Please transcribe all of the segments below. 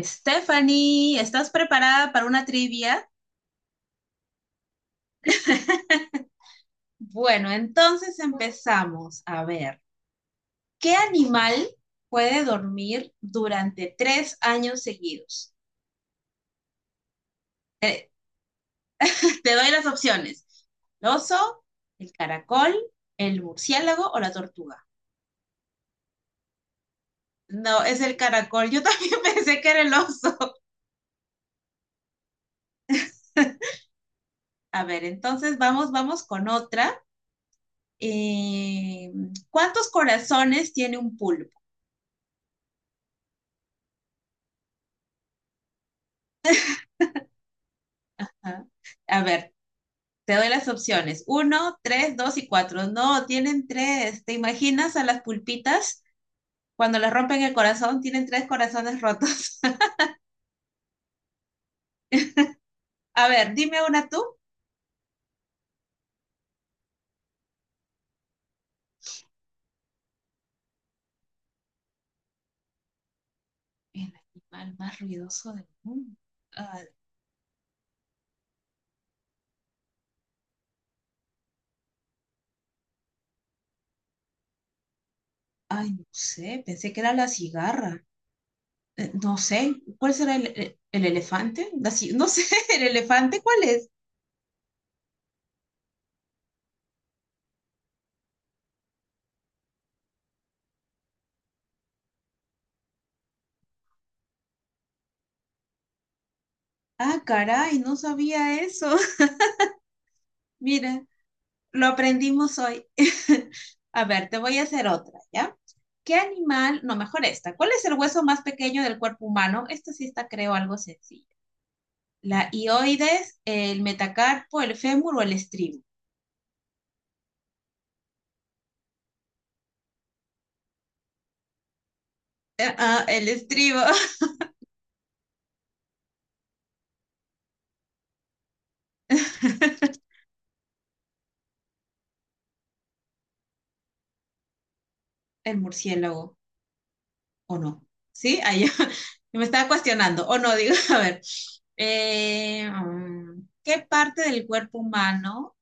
Stephanie, ¿estás preparada para una trivia? Bueno, entonces empezamos. A ver, ¿qué animal puede dormir durante tres años seguidos? Eh, te doy las opciones. ¿El oso, el caracol, el murciélago o la tortuga? No, es el caracol. Yo también pensé que era el oso. A ver, entonces vamos, vamos con otra. Eh, ¿Cuántos corazones tiene un pulpo? Ah, a ver, te doy las opciones. Uno, tres, dos y cuatro. No, tienen tres. ¿Te imaginas a las pulpitas? Cuando les rompen el corazón, tienen tres corazones rotos. A ver, dime una tú. El animal más ruidoso del mundo. Ah, ay, no sé, pensé que era la cigarra. No sé, ¿cuál será el elefante? No sé, ¿el elefante cuál es? Ah, caray, no sabía eso. Mira, lo aprendimos hoy. A ver, te voy a hacer otra, ¿ya? ¿Qué animal? No, mejor esta. ¿Cuál es el hueso más pequeño del cuerpo humano? Esta sí está, creo, algo sencillo. ¿La hioides, el metacarpo, el fémur o el estribo? Ah, el estribo. El murciélago, ¿o no? ¿Sí? Ahí me estaba cuestionando. ¿O no? Digo, a ver. ¿Qué parte del cuerpo humano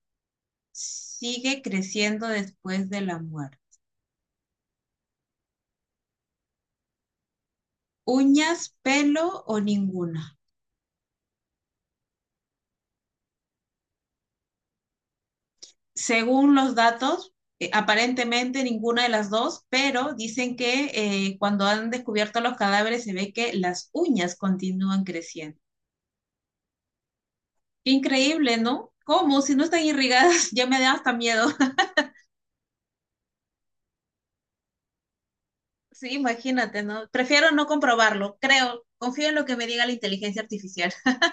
sigue creciendo después de la muerte? ¿Uñas, pelo o ninguna? Según los datos, aparentemente ninguna de las dos, pero dicen que cuando han descubierto los cadáveres se ve que las uñas continúan creciendo. Increíble, ¿no? ¿Cómo? Si no están irrigadas, ya me da hasta miedo. Sí, imagínate, ¿no? Prefiero no comprobarlo, creo. Confío en lo que me diga la inteligencia artificial.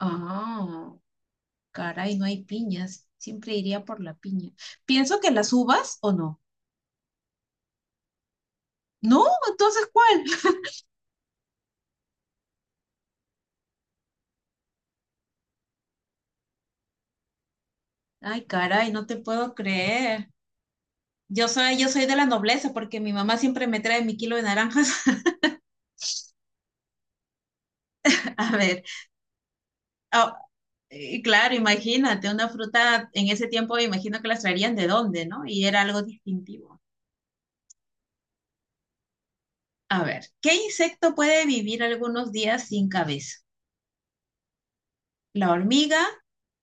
Ah, caray, no hay piñas. Siempre iría por la piña. Pienso que las uvas o no. No, entonces ¿cuál? Ay, caray, no te puedo creer. Yo soy de la nobleza porque mi mamá siempre me trae mi kilo de naranjas. A ver, oh, y claro, imagínate, una fruta en ese tiempo, imagino que las traerían de dónde, ¿no? Y era algo distintivo. A ver, ¿qué insecto puede vivir algunos días sin cabeza? ¿La hormiga,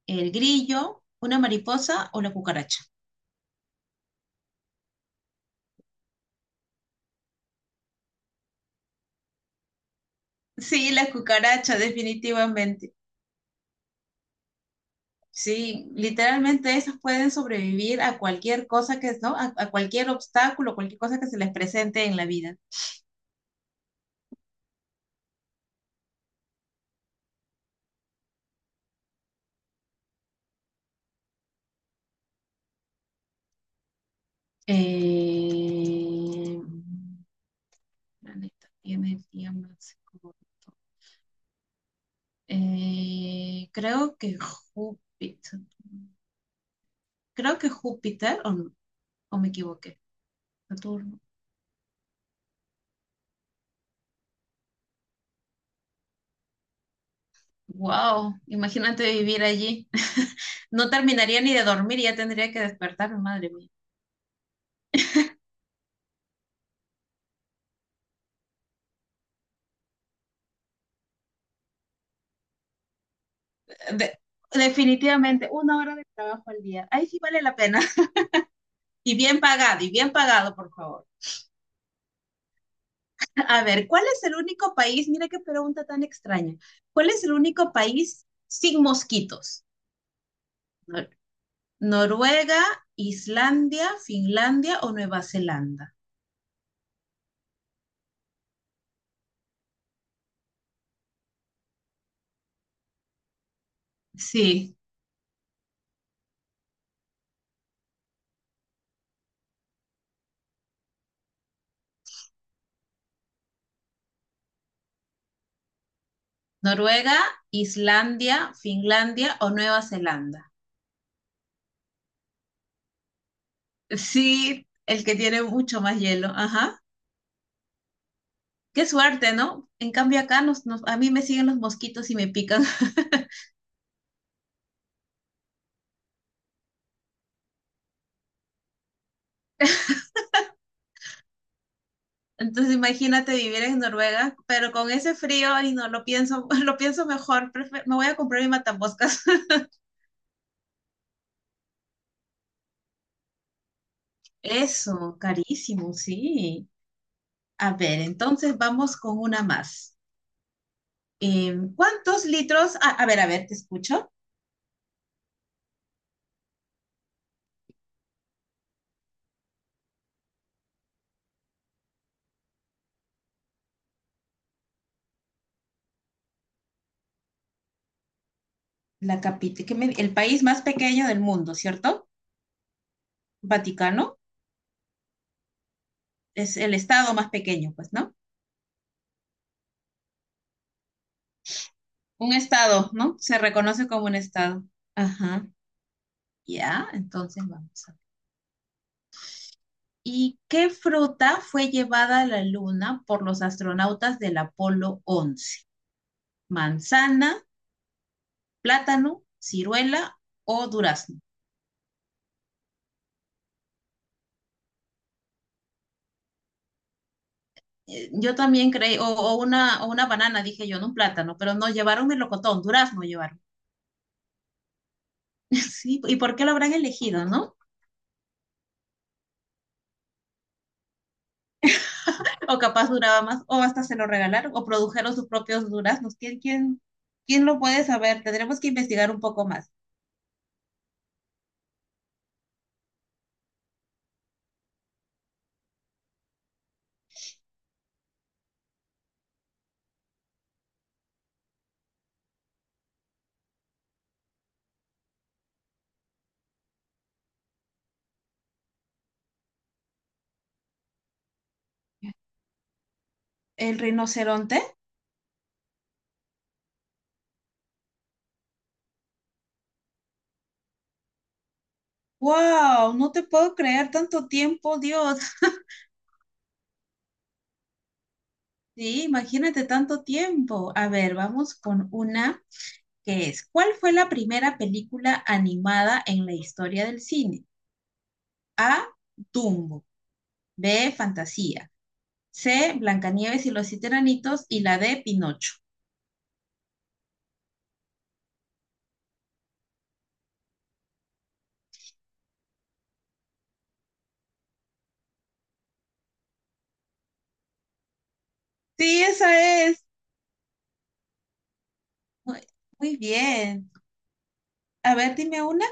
el grillo, una mariposa o la cucaracha? Sí, la cucaracha, definitivamente. Sí, literalmente esas pueden sobrevivir a cualquier cosa que, ¿no? A cualquier obstáculo, cualquier cosa que se les presente en la vida. Eh, la neta tiene el día más corto. Creo que Júpiter. Creo que Júpiter, o, ¿no? O me equivoqué. Saturno. ¡Wow! Imagínate vivir allí. No terminaría ni de dormir, ya tendría que despertarme, madre mía. De- definitivamente, una hora de trabajo al día. Ahí sí vale la pena. Y bien pagado, por favor. A ver, ¿cuál es el único país? Mira qué pregunta tan extraña. ¿Cuál es el único país sin mosquitos? Nor- ¿Noruega, Islandia, Finlandia o Nueva Zelanda? Sí, Noruega, Islandia, Finlandia o Nueva Zelanda. Sí, el que tiene mucho más hielo. Ajá. Qué suerte, ¿no? En cambio acá a mí me siguen los mosquitos y me pican. Entonces imagínate vivir en Noruega, pero con ese frío y no lo pienso, lo pienso mejor, me voy a comprar mi matamoscas. Eso, carísimo, sí. A ver, entonces vamos con una más. ¿Cuántos litros? A ver, te escucho. La capi- que me- el país más pequeño del mundo, ¿cierto? Vaticano es el estado más pequeño, pues, ¿no? Un estado, ¿no? Se reconoce como un estado. Ajá. Ya, entonces vamos. ¿Y qué fruta fue llevada a la Luna por los astronautas del Apolo 11? ¿Manzana, plátano, ciruela o durazno? Yo también creí, o una banana, dije yo, no un plátano, pero no, llevaron melocotón, durazno llevaron. Sí, ¿y por qué lo habrán elegido, no? O capaz duraba más, o hasta se lo regalaron, o produjeron sus propios duraznos. ¿Quién, quién, quién lo puede saber? Tendremos que investigar un poco más. ¿El rinoceronte? ¡Wow! No te puedo creer tanto tiempo, Dios. Sí, imagínate tanto tiempo. A ver, vamos con una que es, ¿cuál fue la primera película animada en la historia del cine? A, Dumbo, B, Fantasía, C, Blancanieves y los siete enanitos y la D, Pinocho. Sí, esa es. Muy, muy bien. A ver, dime una.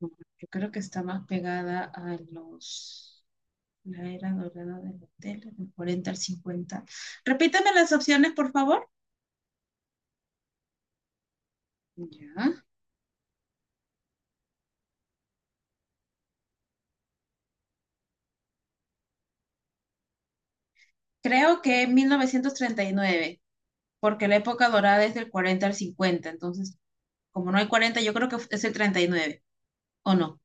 No, yo creo que está más pegada a los... La era dorada de la tele, del 40 al 50. Repítame las opciones, por favor. Ya. Creo que en 1939, porque la época dorada es del 40 al 50. Entonces, como no hay 40, yo creo que es el 39. ¿O no?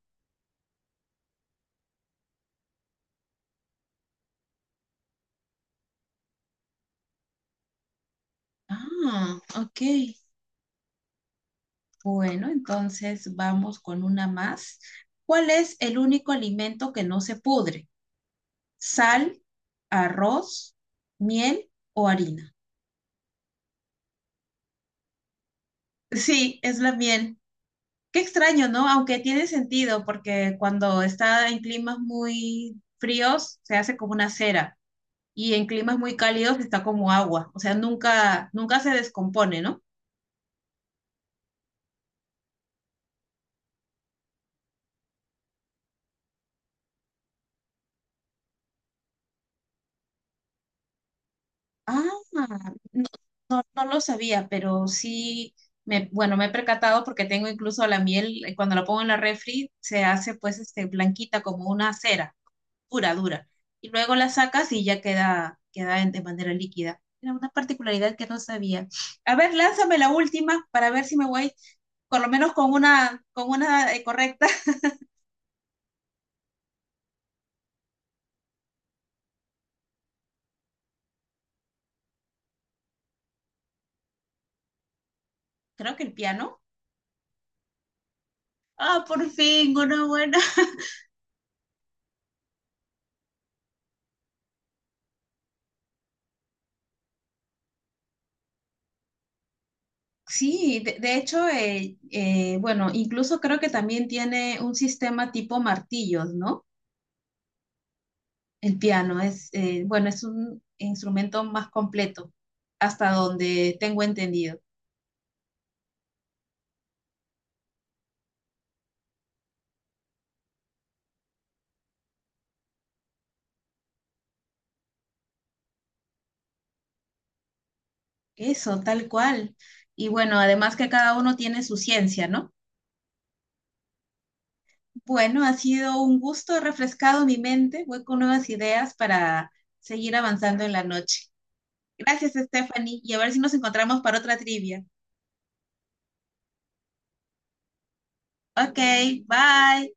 Ah, ok. Bueno, entonces vamos con una más. ¿Cuál es el único alimento que no se pudre? ¿Sal, arroz, miel o harina? Sí, es la miel. Qué extraño, ¿no? Aunque tiene sentido, porque cuando está en climas muy fríos, se hace como una cera y en climas muy cálidos está como agua, o sea, nunca, nunca se descompone, ¿no? Ah, no, no, no lo sabía, pero sí, me, bueno, me he percatado porque tengo incluso la miel, cuando la pongo en la refri, se hace pues este, blanquita como una cera, dura, dura. Y luego la sacas y ya queda, de manera líquida. Era una particularidad que no sabía. A ver, lánzame la última para ver si me voy, por lo menos con una correcta. Creo que el piano. Ah, por fin, una buena. Sí, de hecho, bueno, incluso creo que también tiene un sistema tipo martillos, ¿no? El piano es, bueno, es un instrumento más completo, hasta donde tengo entendido. Eso, tal cual. Y bueno, además que cada uno tiene su ciencia, ¿no? Bueno, ha sido un gusto, he refrescado mi mente, voy con nuevas ideas para seguir avanzando en la noche. Gracias, Stephanie, y a ver si nos encontramos para otra trivia. Okay, bye.